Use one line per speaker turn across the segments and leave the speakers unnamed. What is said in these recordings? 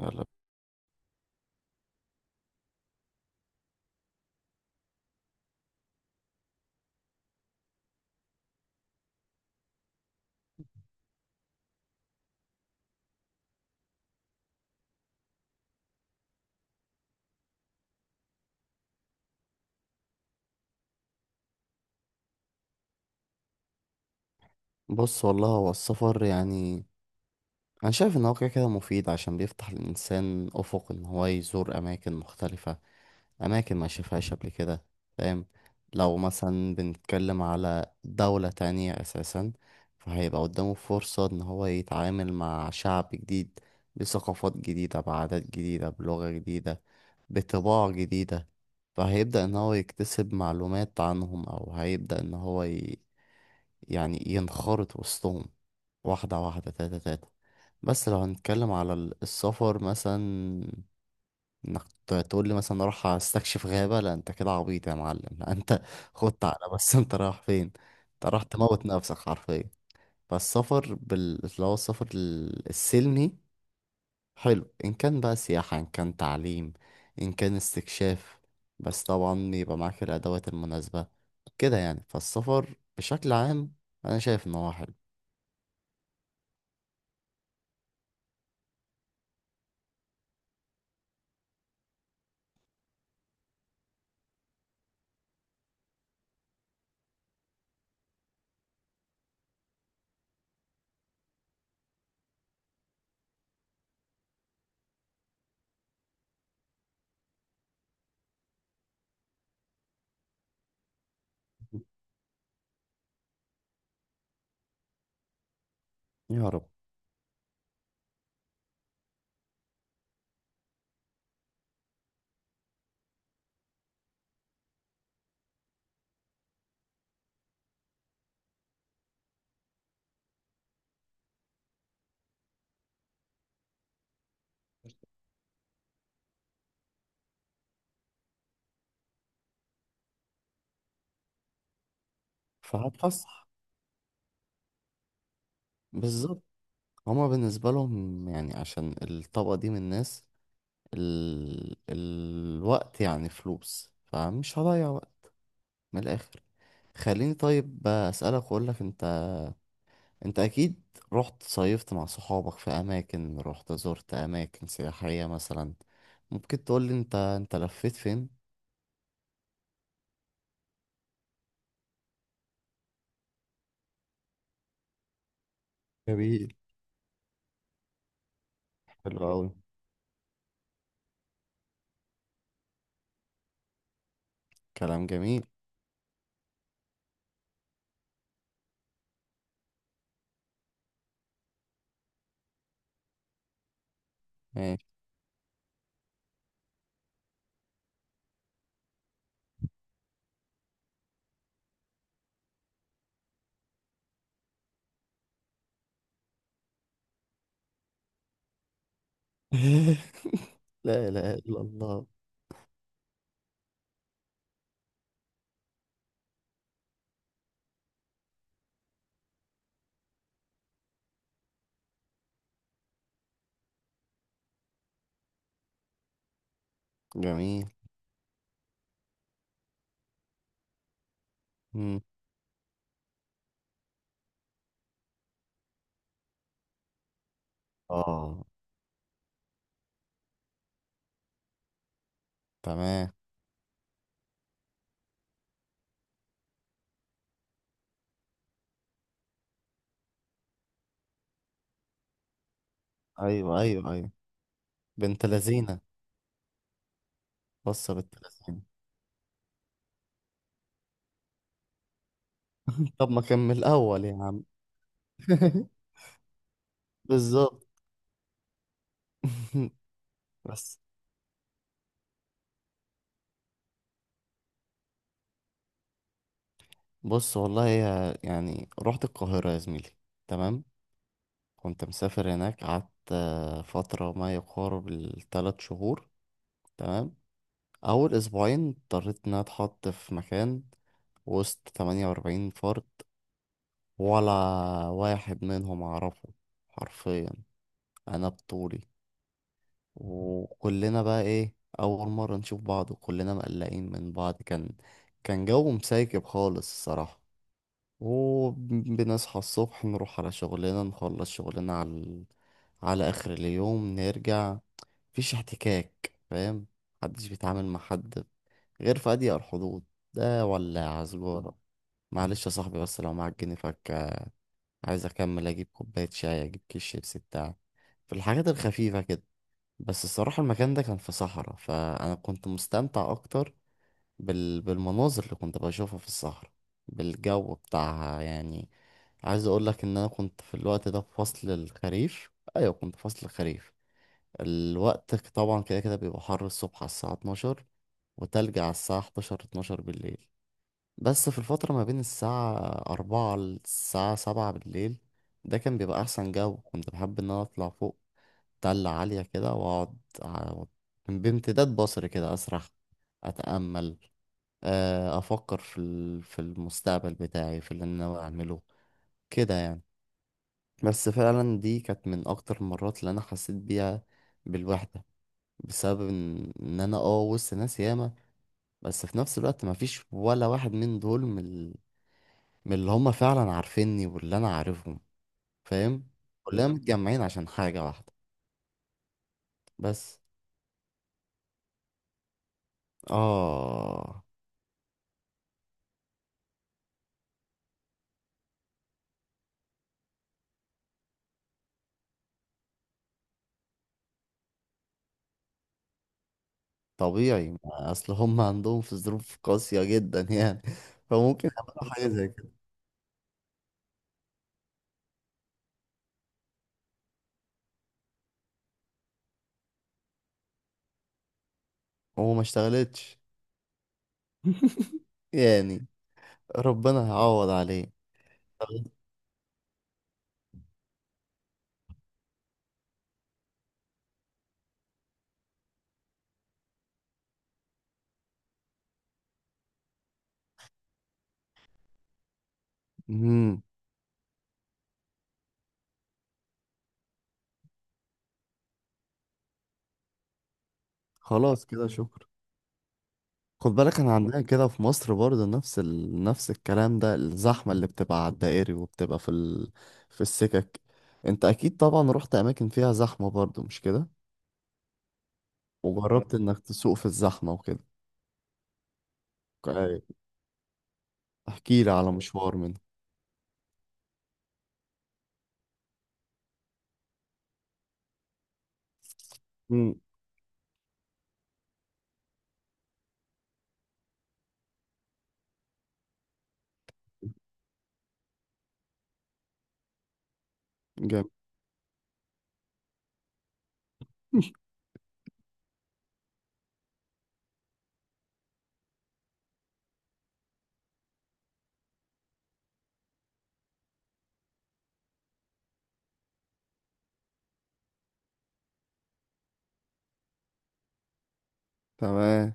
يلا. بص والله هو السفر يعني انا شايف ان هو كده كده مفيد، عشان بيفتح للانسان افق ان هو يزور اماكن مختلفة، أماكن ما شافهاش قبل كده. فاهم؟ لو مثلا بنتكلم على دولة تانية أساسا، فهيبقى قدامه فرصة إن هو يتعامل مع شعب جديد بثقافات جديدة بعادات جديدة بلغة جديدة بطباع جديدة. فهيبدأ إن هو يكتسب معلومات عنهم، أو هيبدأ إن هو يعني ينخرط وسطهم. واحدة واحدة تاتا تاتا. بس لو هنتكلم على السفر مثلا، انك تقول لي مثلا اروح استكشف غابة، لا انت كده عبيط يا معلم، لا انت خدت على، بس انت رايح فين؟ انت راح تموت نفسك حرفيا. فالسفر اللي هو السفر السلمي حلو. ان كان بقى سياحة، ان كان تعليم، ان كان استكشاف، بس طبعا يبقى معاك الادوات المناسبة كده يعني. فالسفر بشكل عام انا شايف ان هو حلو. يا رب. فهتفسح. بالظبط. هما بالنسبة لهم يعني عشان الطبقة دي من الناس الوقت يعني فلوس، فمش هضيع وقت. من الاخر، خليني طيب اسالك واقول لك. انت، انت اكيد رحت صيفت مع صحابك في اماكن، رحت زرت اماكن سياحية مثلا. ممكن تقول لي انت لفيت فين؟ جميل. حلو أوي. كلام جميل. ماشي. لا اله الا الله. جميل. مم. اه. تمام. ايوه ايوه ايوه. بنت لذينه. بص بنت لذينه. طب ما كمل الاول يا عم. بالظبط. بس. بص والله يعني رحت القاهرة يا زميلي. تمام. كنت مسافر هناك، قعدت آه، فترة ما يقارب الثلاث شهور. تمام. أول أسبوعين اضطريت إن أنا أتحط في مكان وسط 48 فرد. ولا واحد منهم أعرفه حرفيا، أنا بطولي. وكلنا بقى إيه، أول مرة نشوف بعض وكلنا مقلقين من بعض. كان جو مسيكب خالص الصراحة. وبنصحى الصبح نروح على شغلنا، نخلص شغلنا على على آخر اليوم نرجع. مفيش احتكاك، فاهم؟ محدش بيتعامل مع حد غير في أضيق الحدود. ده ولا سجارة، معلش يا صاحبي بس لو معاك جنيه فك عايز أكمل أجيب كوباية شاي أجيب كيس شيبسي بتاع، في الحاجات الخفيفة كده. بس الصراحة المكان ده كان في صحراء، فأنا كنت مستمتع أكتر بالمناظر اللي كنت بشوفها في الصحراء، بالجو بتاعها يعني. عايز اقول لك ان انا كنت في الوقت ده في فصل الخريف. ايوه كنت في فصل الخريف. الوقت طبعا كده كده بيبقى حر الصبح على الساعة 12، وتلج على الساعة 11 12 بالليل. بس في الفترة ما بين الساعة 4 للساعة 7 بالليل ده كان بيبقى احسن جو. كنت بحب ان انا اطلع فوق تلة عالية كده واقعد بامتداد بصري كده اسرح، اتأمل آه، افكر في في المستقبل بتاعي، في اللي انا ناوي اعمله كده يعني. بس فعلا دي كانت من اكتر المرات اللي انا حسيت بيها بالوحده. بسبب إن انا اه وسط ناس ياما بس في نفس الوقت مفيش ولا واحد من دول من من اللي هم فعلا عارفيني واللي انا عارفهم. فاهم؟ كلنا متجمعين عشان حاجه واحده بس. اه طبيعي، ما اصل هم عندهم في ظروف قاسيه جدا يعني. فممكن يعملوا حاجه زي كده. وما اشتغلتش يعني. ربنا هيعوض عليه. امم. خلاص كده شكرا. خد بالك انا عندنا كده في مصر برضه نفس نفس الكلام ده، الزحمه اللي بتبقى على الدائري وبتبقى في في السكك. انت اكيد طبعا رحت اماكن فيها زحمه برضه مش كده؟ وجربت انك تسوق في الزحمه وكده. أي. احكي لي على مشوار منه. امم. جميل. تمام.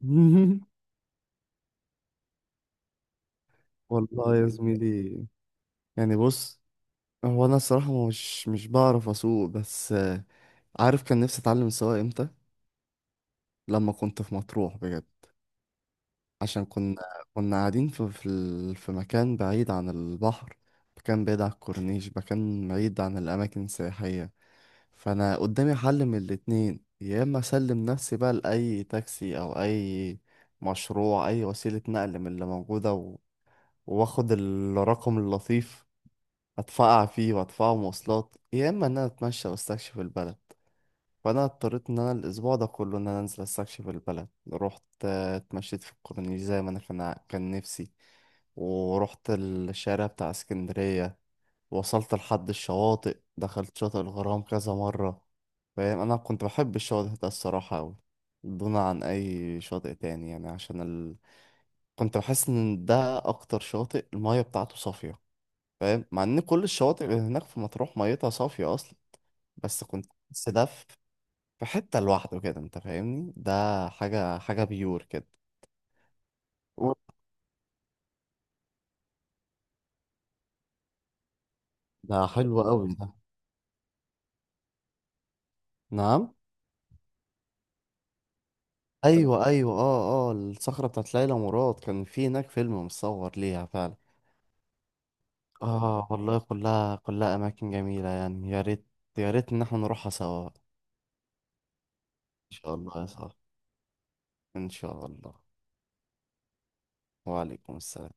والله يا زميلي، يعني بص، هو انا الصراحه مش بعرف اسوق. بس عارف كان نفسي اتعلم السواقه امتى؟ لما كنت في مطروح بجد. عشان كنا كنا قاعدين في في مكان بعيد عن البحر، مكان بعيد عن الكورنيش، مكان بعيد عن الاماكن السياحيه. فانا قدامي حل من الاتنين، يا اما اسلم نفسي بقى لاي تاكسي او اي مشروع، اي وسيله نقل من اللي موجوده واخد الرقم اللطيف، ادفع فيه وادفعه مواصلات، يا اما ان انا اتمشى واستكشف البلد. فانا اضطريت ان انا الاسبوع ده كله ان انا انزل استكشف البلد. رحت آه، اتمشيت في الكورنيش زي ما انا كان نفسي. ورحت الشارع بتاع اسكندرية، وصلت لحد الشواطئ، دخلت شاطئ الغرام كذا مرة. فاهم، انا كنت بحب الشاطئ ده الصراحة اوي، دون عن اي شاطئ تاني يعني عشان كنت بحس ان ده اكتر شاطئ المية بتاعته صافية. فاهم؟ مع ان كل الشواطئ اللي هناك في مطروح ميتها صافية اصلا. بس كنت بحس ده في حتة لوحده كده. انت فاهمني، ده حاجة حاجة بيور كده. و- ده حلو قوي ده. نعم. ايوه ايوه اه اه، الصخرة بتاعت ليلى مراد كان في هناك فيلم متصور ليها فعلا. اه والله كلها كلها اماكن جميلة يعني. يا ريت يا ريت ان احنا نروحها سوا. ان شاء الله يا صاحبي. ان شاء الله. وعليكم السلام.